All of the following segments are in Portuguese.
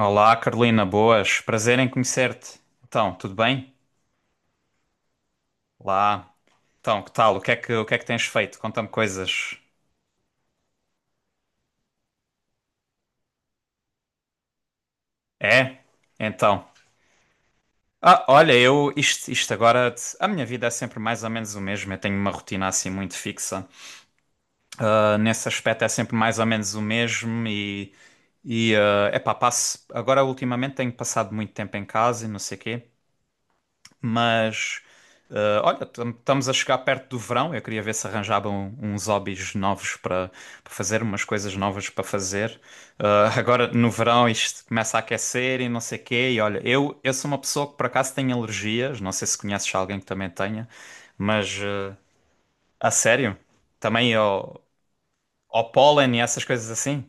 Olá, Carolina, boas. Prazer em conhecer-te. Então, tudo bem? Lá. Então, que tal? O que é que tens feito? Conta-me coisas. É? Então. Ah, olha, eu isto agora, a minha vida é sempre mais ou menos o mesmo. Eu tenho uma rotina assim muito fixa. Ah, nesse aspecto é sempre mais ou menos o mesmo, e é epá, passo. Agora ultimamente tenho passado muito tempo em casa e não sei quê. Mas, olha, estamos a chegar perto do verão. Eu queria ver se arranjavam um, uns hobbies novos para fazer, umas coisas novas para fazer. Agora, no verão, isto começa a aquecer e não sei quê. E olha, eu sou uma pessoa que por acaso tem alergias. Não sei se conheces alguém que também tenha, mas a sério, também ao, ao pólen e essas coisas assim?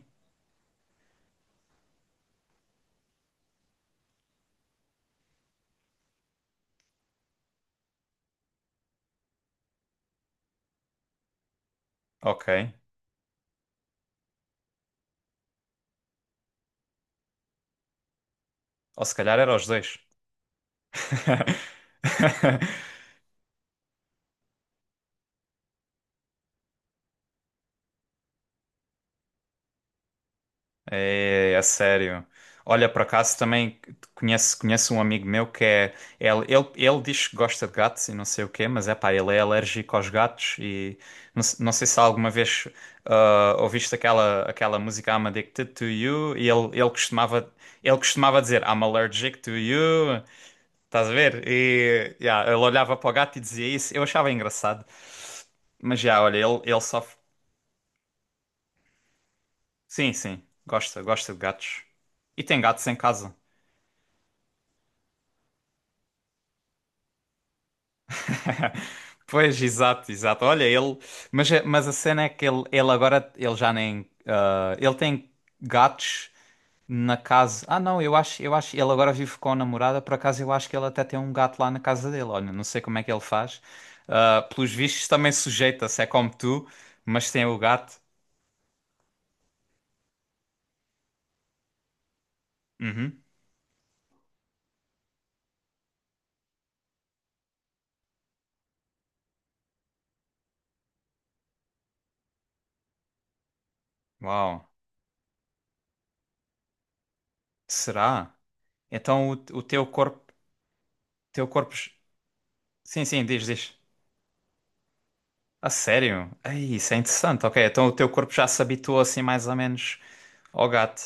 Ok. Ou se calhar era os dois. É, é sério. Olha, por acaso também conheço um amigo meu que é. Ele diz que gosta de gatos e não sei o quê, mas é pá, ele é alérgico aos gatos e não, não sei se alguma vez ouviste aquela música I'm Addicted to You, e ele costumava, ele costumava dizer I'm allergic to you. Estás a ver? E yeah, ele olhava para o gato e dizia isso. Eu achava engraçado. Mas já, olha, ele sofre. Sim, sim, gosta, gosta de gatos. E tem gatos em casa. Pois, exato, exato. Olha, ele. Mas, mas a cena é que ele agora. Ele já nem. Ah, ele tem gatos na casa. Ah, não, eu acho. Ele agora vive com a namorada. Por acaso, eu acho que ele até tem um gato lá na casa dele. Olha, não sei como é que ele faz. Ah, pelos vistos, também sujeita-se. É como tu, mas tem o gato. Uhum. Uau. Será? Então o teu corpo. Teu corpo. Sim, sim, diz, diz. A sério? Ei, isso é interessante. Ok, então o teu corpo já se habituou assim mais ou menos. Ó gato.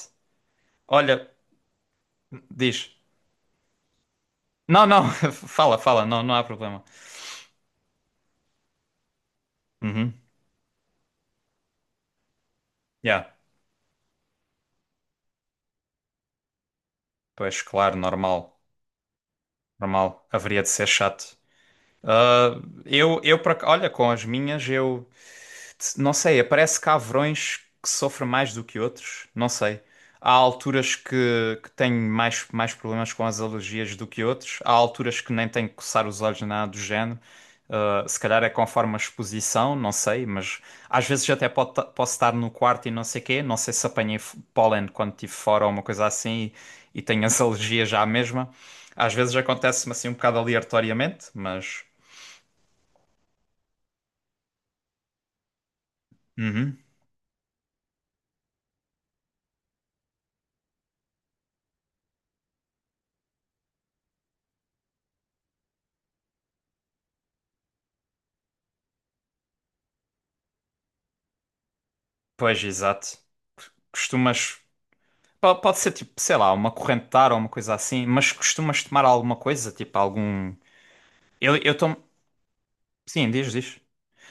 Olha, diz. Não, não, fala, fala, não, não há problema. Uhum. Yeah. Pois, claro, normal. Normal. Haveria de ser chato. Ah, olha, com as minhas, eu não sei, aparece cavrões que sofrem mais do que outros, não sei. Há alturas que tenho mais, mais problemas com as alergias do que outros, há alturas que nem tenho que coçar os olhos nem nada do género. Ah, se calhar é conforme a exposição, não sei, mas às vezes até pode posso estar no quarto e não sei quê, não sei se apanhei pólen quando estive fora ou uma coisa assim e tenho as alergias já à mesma. Às vezes acontece-me assim um bocado aleatoriamente, mas. Uhum. Pois, exato. Costumas. Pode ser tipo, sei lá, uma corrente de ar ou uma coisa assim, mas costumas tomar alguma coisa, tipo algum. Eu tomo. Sim, diz, diz.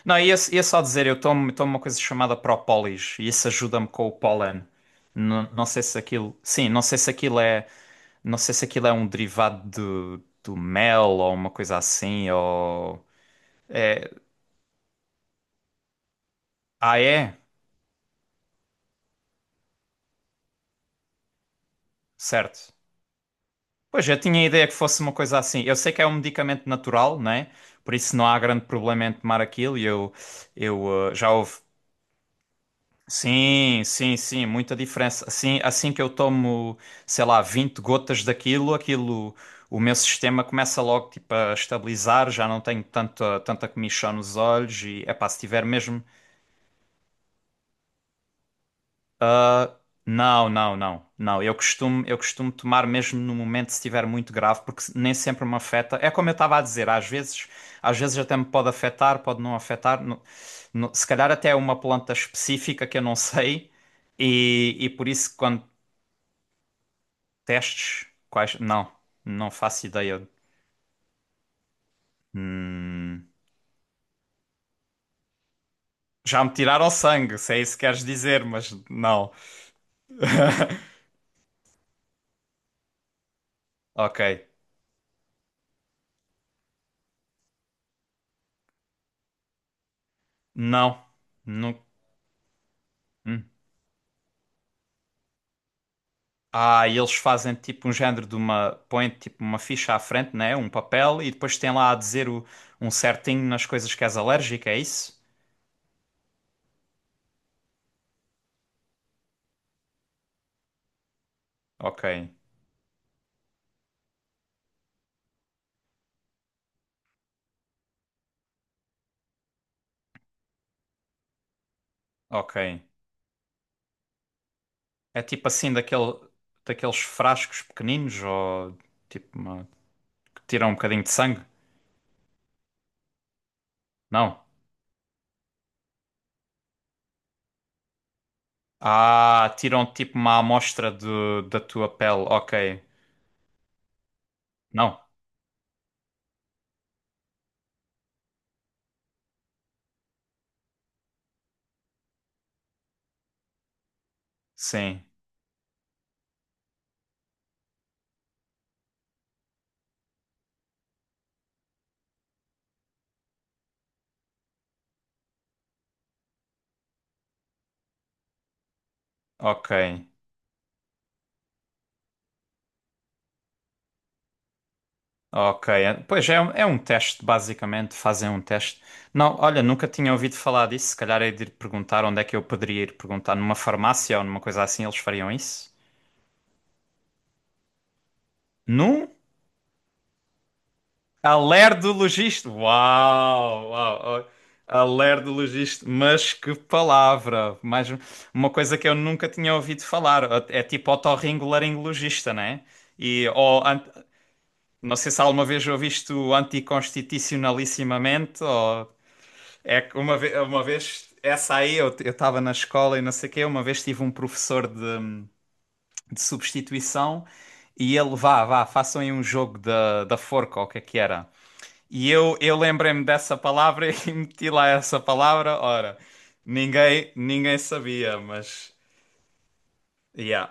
Não, ia só dizer, eu tomo, tomo uma coisa chamada propolis e isso ajuda-me com o pólen. Não, não sei se aquilo. Sim, não sei se aquilo é. Não sei se aquilo é um derivado do, do mel ou uma coisa assim, ou. Ah, é? Certo. Pois, eu tinha a ideia que fosse uma coisa assim. Eu sei que é um medicamento natural, né? Por isso não há grande problema em tomar aquilo e eu já houve. Sim, sim, sim, muita diferença. Assim, assim que eu tomo, sei lá, 20 gotas daquilo, aquilo, o meu sistema começa logo tipo a estabilizar, já não tenho tanta, tanta comichão nos olhos e é pá, se tiver mesmo Ah, não, não, não, não. Eu costumo tomar mesmo no momento se estiver muito grave, porque nem sempre me afeta. É como eu estava a dizer, às vezes até me pode afetar, pode não afetar. Se calhar até é uma planta específica que eu não sei, e por isso quando testes, quais. Não, não faço ideia. Hum, já me tiraram sangue, se é isso que queres dizer, mas não. Ok. Não. Não. Ah, e eles fazem tipo um género de uma. Põem tipo uma ficha à frente, né? Um papel, e depois tem lá a dizer o, um certinho nas coisas que és alérgico, é isso? Ok, ok. É tipo assim daquele, daqueles frascos pequeninos ou tipo uma, que tiram um bocadinho de sangue? Não. Ah, tiram tipo uma amostra do, da tua pele, ok. Não. Sim, ok. Ok, pois é, é um teste, basicamente, fazem um teste. Não, olha, nunca tinha ouvido falar disso. Se calhar é de ir perguntar onde é que eu poderia ir perguntar, numa farmácia ou numa coisa assim, eles fariam isso? Num alergologista. Uau, uau, oh, alergologista, mas que palavra! Mais um, uma coisa que eu nunca tinha ouvido falar. É tipo otorrinolaringologista, né? E, ou, não sei se alguma vez ouviste o anticonstitucionalissimamente ou. É que uma vez essa aí eu estava na escola e não sei o quê, uma vez tive um professor de substituição e ele, vá, vá, façam aí um jogo da, da forca, ou o que é que era. E eu lembrei-me dessa palavra e meti lá essa palavra, ora, ninguém sabia, mas, yeah.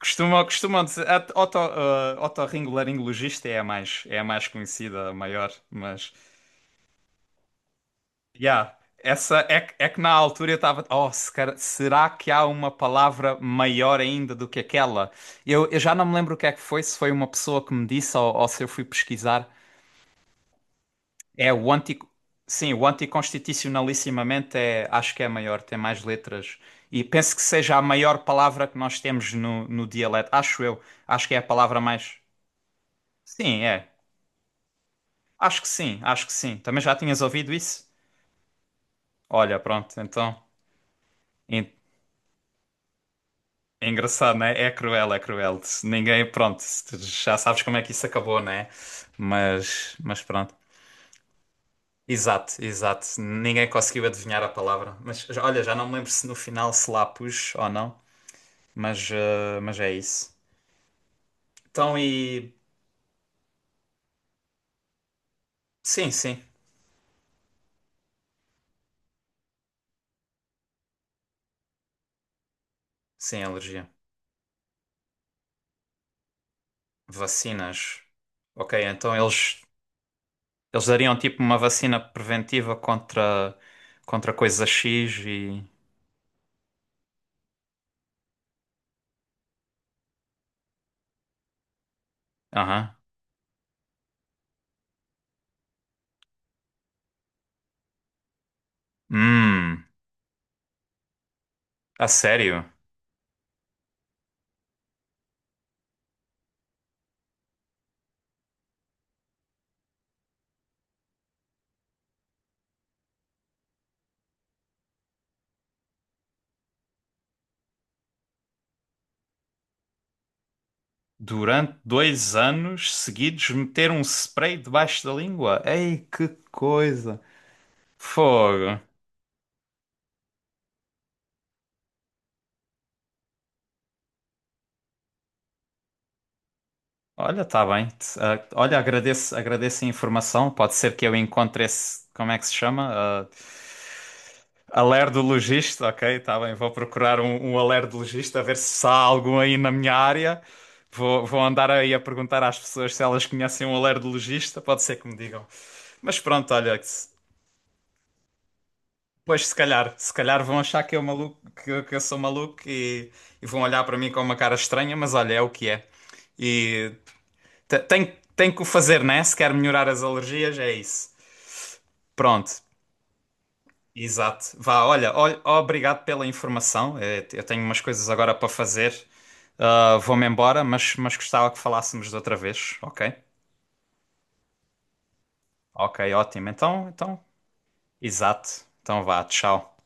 Costumam, costumam dizer, otorrinolaringologista é a mais conhecida, a maior, mas... Yeah. Essa é, é que na altura eu estava, oh, se cara- será que há uma palavra maior ainda do que aquela? Eu já não me lembro o que é que foi, se foi uma pessoa que me disse ou se eu fui pesquisar. É o anti, sim, o anticonstitucionalissimamente é, acho que é maior, tem mais letras. E penso que seja a maior palavra que nós temos no, no dialeto, acho eu. Acho que é a palavra mais. Sim, é. Acho que sim, acho que sim. Também já tinhas ouvido isso? Olha, pronto, então. É engraçado, né? É cruel, é cruel. Se Ninguém, pronto, se tu já sabes como é que isso acabou, né? Mas pronto. Exato, exato. Ninguém conseguiu adivinhar a palavra. Mas olha, já não me lembro se no final se lá pus ou não. Mas, mas é isso. Então e. Sim, sim. Sim, alergia. Vacinas. Ok, então eles dariam tipo uma vacina preventiva contra, contra coisa X e. Aham. Hum, a sério? Durante 2 anos seguidos, meter um spray debaixo da língua. Ei, que coisa! Fogo! Olha, tá bem. Olha, agradeço a informação. Pode ser que eu encontre esse. Como é que se chama? Ah, alergologista, ok, tá bem. Vou procurar um, um alergologista, a ver se há algum aí na minha área. Vou, vou andar aí a perguntar às pessoas se elas conhecem um alergologista, pode ser que me digam. Mas pronto, olha, pois, se calhar, se calhar vão achar que eu, maluco, que eu sou maluco e vão olhar para mim com uma cara estranha, mas olha, é o que é. E tem, tem que o fazer, né? Se quer melhorar as alergias, é isso. Pronto, exato. Vá, olha, olha, obrigado pela informação. Eh, eu tenho umas coisas agora para fazer. Ah, vou-me embora, mas gostava que falássemos de outra vez, ok? Ok, ótimo. Então, então, exato. Então vá, tchau.